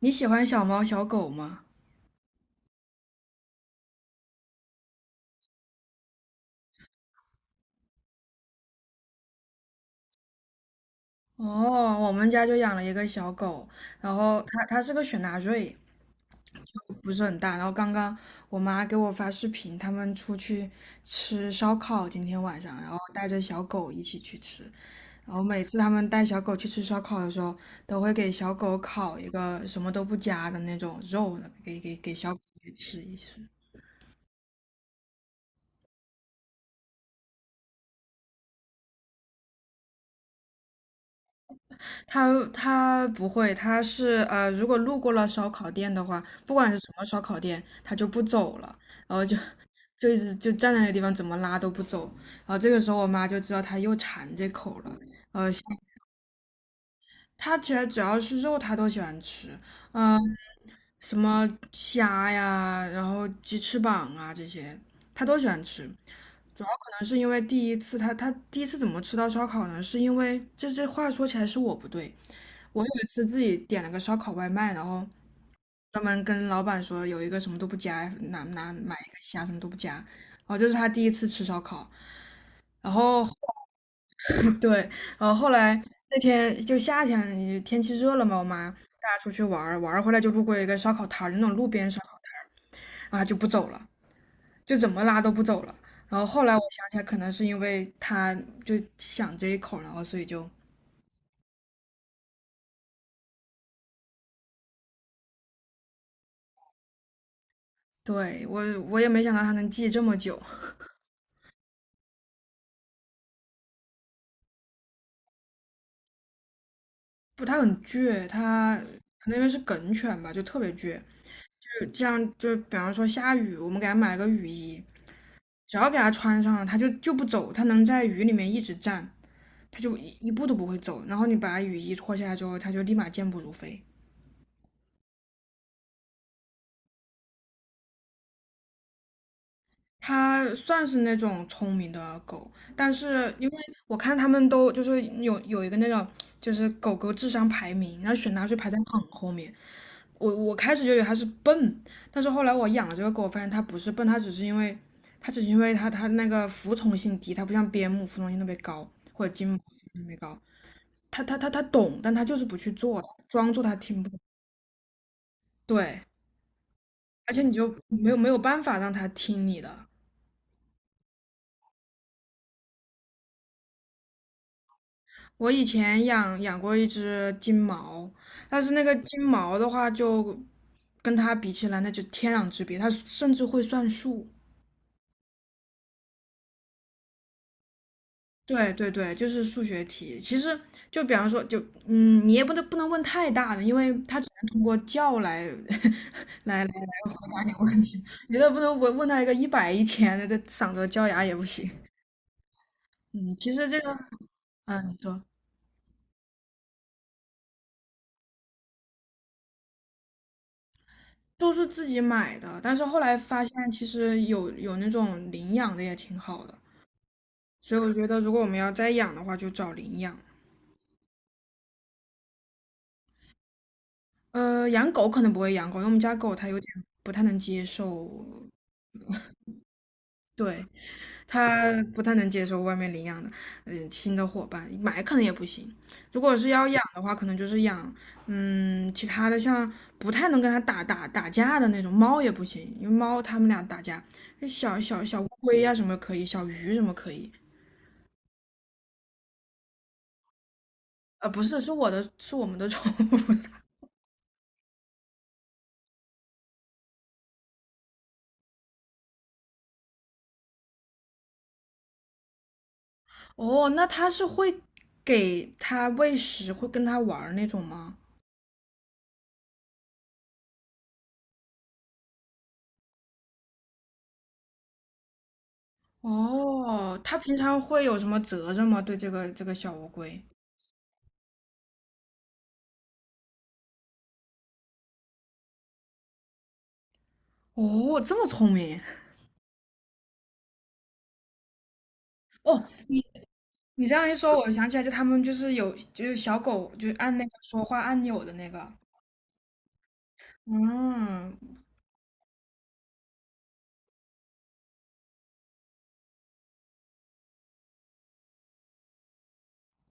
你喜欢小猫小狗吗？哦，我们家就养了一个小狗，然后它是个雪纳瑞，不是很大。然后刚刚我妈给我发视频，他们出去吃烧烤，今天晚上，然后带着小狗一起去吃。然后每次他们带小狗去吃烧烤的时候，都会给小狗烤一个什么都不加的那种肉，给小狗也吃一吃。他不会，他是如果路过了烧烤店的话，不管是什么烧烤店，他就不走了，然后就一直就站在那个地方，怎么拉都不走。然后这个时候我妈就知道他又馋这口了。他其实只要是肉，他都喜欢吃，嗯、什么虾呀，然后鸡翅膀啊这些，他都喜欢吃。主要可能是因为第一次他第一次怎么吃到烧烤呢？是因为这话说起来是我不对，我有一次自己点了个烧烤外卖，然后专门跟老板说有一个什么都不加，买一个虾什么都不加。然后这是他第一次吃烧烤，然后 对，然后后来那天就夏天天气热了嘛，我妈带她出去玩儿，玩儿回来就路过一个烧烤摊儿，就那种路边烧烤摊儿，然后她就不走了，就怎么拉都不走了。然后后来我想起来，可能是因为他就想这一口，然后所以就对我也没想到他能记这么久。不，它很倔，它可能因为是梗犬吧，就特别倔。就这样，就比方说下雨，我们给它买了个雨衣，只要给它穿上了，它就不走，它能在雨里面一直站，它就一步都不会走。然后你把雨衣脱下来之后，它就立马健步如飞。它算是那种聪明的狗，但是因为我看他们都就是有一个那种就是狗狗智商排名，然后选它就排在很后面。我开始就以为它是笨，但是后来我养了这个狗，发现它不是笨，它只是因为它那个服从性低，它不像边牧服从性特别高，或者金毛服从性特别高，它懂，但它就是不去做，装作它听不懂。对，而且你就没有办法让它听你的。我以前养过一只金毛，但是那个金毛的话就跟它比起来，那就天壤之别，它甚至会算数。对对对，就是数学题。其实就比方说，就你也不能问太大的，因为它只能通过叫来 来回答你问题。你都不能问他一个一百一千的，这嗓子叫哑也不行。嗯，其实这个，你说都是自己买的，但是后来发现其实有那种领养的也挺好的，所以我觉得如果我们要再养的话，就找领养。养狗可能不会养狗，因为我们家狗它有点不太能接受，对。它不太能接受外面领养的，新的伙伴，买可能也不行。如果是要养的话，可能就是养，其他的像不太能跟它打架的那种猫也不行，因为猫它们俩打架，小乌龟呀、什么可以，小鱼什么可以。呃，不是，是我的，是我们的宠物。哦，那它是会给它喂食，会跟它玩儿那种吗？哦，它平常会有什么责任吗？对这个小乌龟？哦，这么聪明。哦，你你这样一说，我想起来，就他们就是有就是小狗，就是按那个说话按钮的那个，嗯，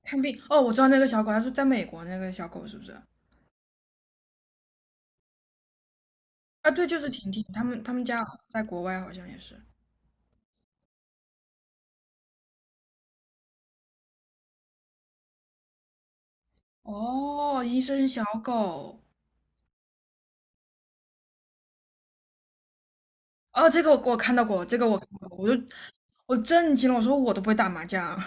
看病。哦，我知道那个小狗，它是在美国那个小狗是不是？啊，对，就是婷婷，他们他们家在国外好像也是。哦，医生小狗，哦，这个我看到过，这个我看到过，我震惊了，我说我都不会打麻将，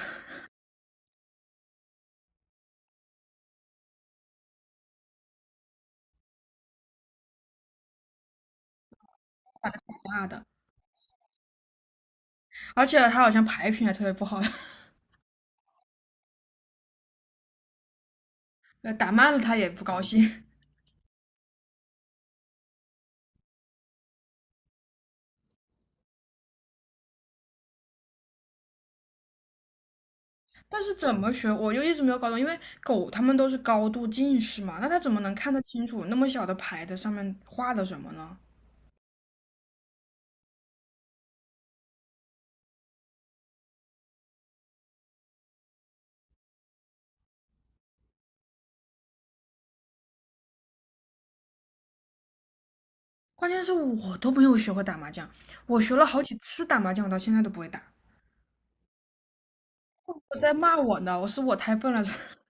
妈的！而且他好像牌品还特别不好，打慢了他也不高兴。但是怎么学，我就一直没有搞懂，因为狗它们都是高度近视嘛，那它怎么能看得清楚那么小的牌子上面画的什么呢？关键是我都没有学会打麻将，我学了好几次打麻将，我到现在都不会打。我在骂我呢，我是我太笨了。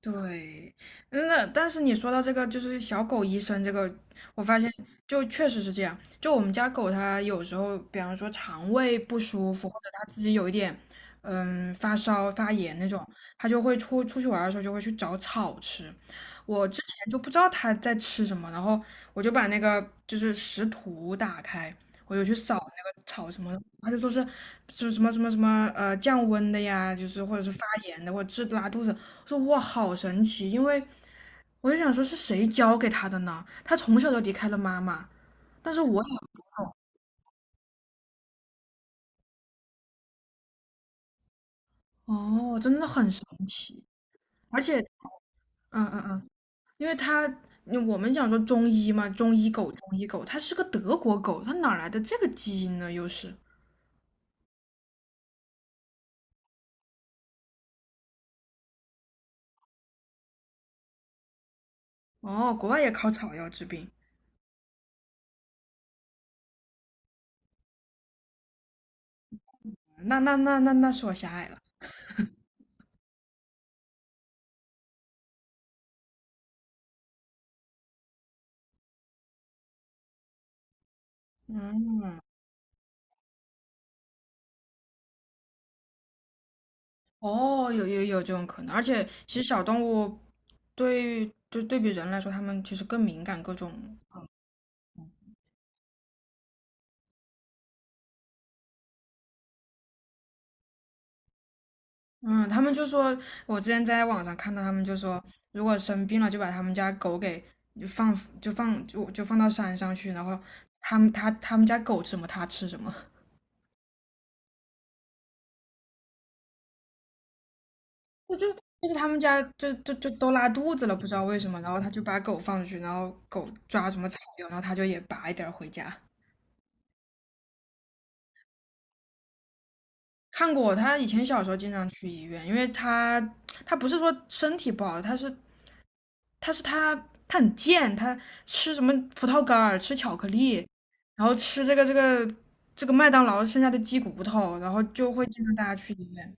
对，那但是你说到这个，就是小狗医生这个，我发现就确实是这样。就我们家狗，它有时候，比方说肠胃不舒服，或者它自己有一点，发烧、发炎那种，它就会去玩儿的时候就会去找草吃。我之前就不知道它在吃什么，然后我就把那个就是食谱打开，我就去扫那个草什么的他就说是什么什么什么什么降温的呀，就是或者是发炎的或者治拉肚子。我说哇，好神奇！因为我就想说是谁教给他的呢？他从小就离开了妈妈，但是我也哦，真的很神奇。而且，嗯嗯嗯，因为他我们讲说中医嘛，中医狗，中医狗，它是个德国狗，它哪来的这个基因呢？哦，国外也靠草药治病，那是我狭隘了。嗯。哦，有这种可能，而且其实小动物对就对比人来说，它们其实更敏感各种。嗯，他们就说，我之前在网上看到他们就说，如果生病了就把他们家狗给放就放就就放到山上去，然后他们家狗吃什么它吃什么，我就就是他们家就都拉肚子了，不知道为什么，然后他就把狗放出去，然后狗抓什么草药，然后他就也拔一点儿回家。看过，他以前小时候经常去医院，因为他不是说身体不好，他是他他很贱，他吃什么葡萄干儿，吃巧克力，然后吃这个麦当劳剩下的鸡骨头，然后就会经常带他去医院，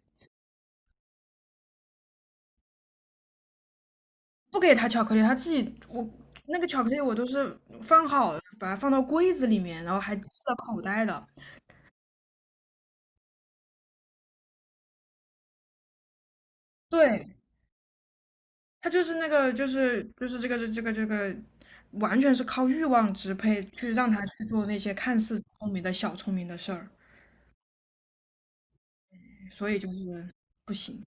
不给他巧克力，他自己我那个巧克力我都是放好了，把它放到柜子里面，然后还系了口袋的，对，他就是那个，就是这个，完全是靠欲望支配去让他去做那些看似聪明的小聪明的事儿，所以就是不行。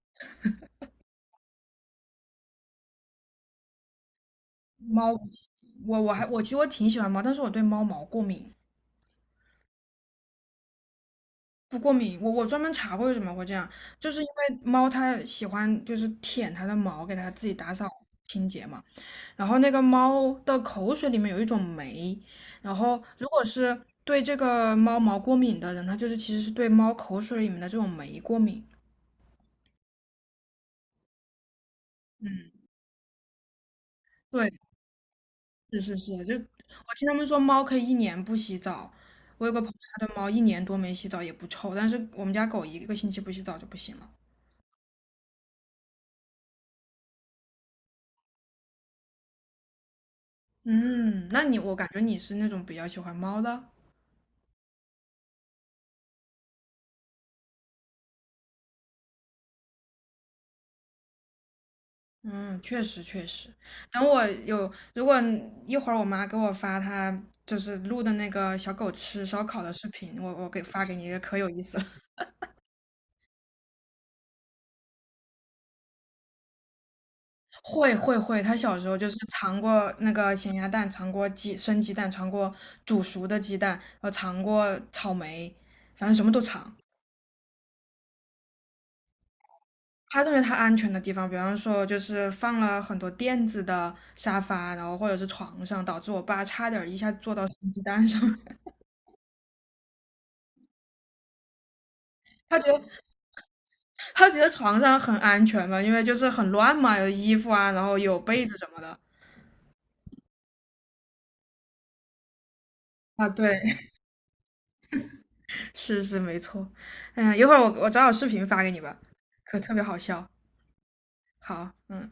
猫我我还我其实我挺喜欢猫，但是我对猫毛过敏，不过敏。我专门查过为什么会这样，就是因为猫它喜欢就是舔它的毛，给它自己打扫清洁嘛。然后那个猫的口水里面有一种酶，然后如果是对这个猫毛过敏的人，他就是其实是对猫口水里面的这种酶过敏。嗯，对，是是是，就我听他们说猫可以一年不洗澡，我有个朋友他的猫一年多没洗澡也不臭，但是我们家狗一个星期不洗澡就不行了。嗯，那你我感觉你是那种比较喜欢猫的。嗯，确实确实。等我有，如果一会儿我妈给我发她就是录的那个小狗吃烧烤的视频，我给发给你，可有意思了。会会会，她小时候就是尝过那个咸鸭蛋，尝过鸡生鸡蛋，尝过煮熟的鸡蛋，尝过草莓，反正什么都尝。她认为她安全的地方，比方说就是放了很多垫子的沙发，然后或者是床上，导致我爸差点一下坐到生鸡蛋上。面。他觉得他觉得床上很安全嘛，因为就是很乱嘛，有衣服啊，然后有被子什么的。啊，对，是是没错。呀，一会儿我找找视频发给你吧，可特别好笑。好，嗯。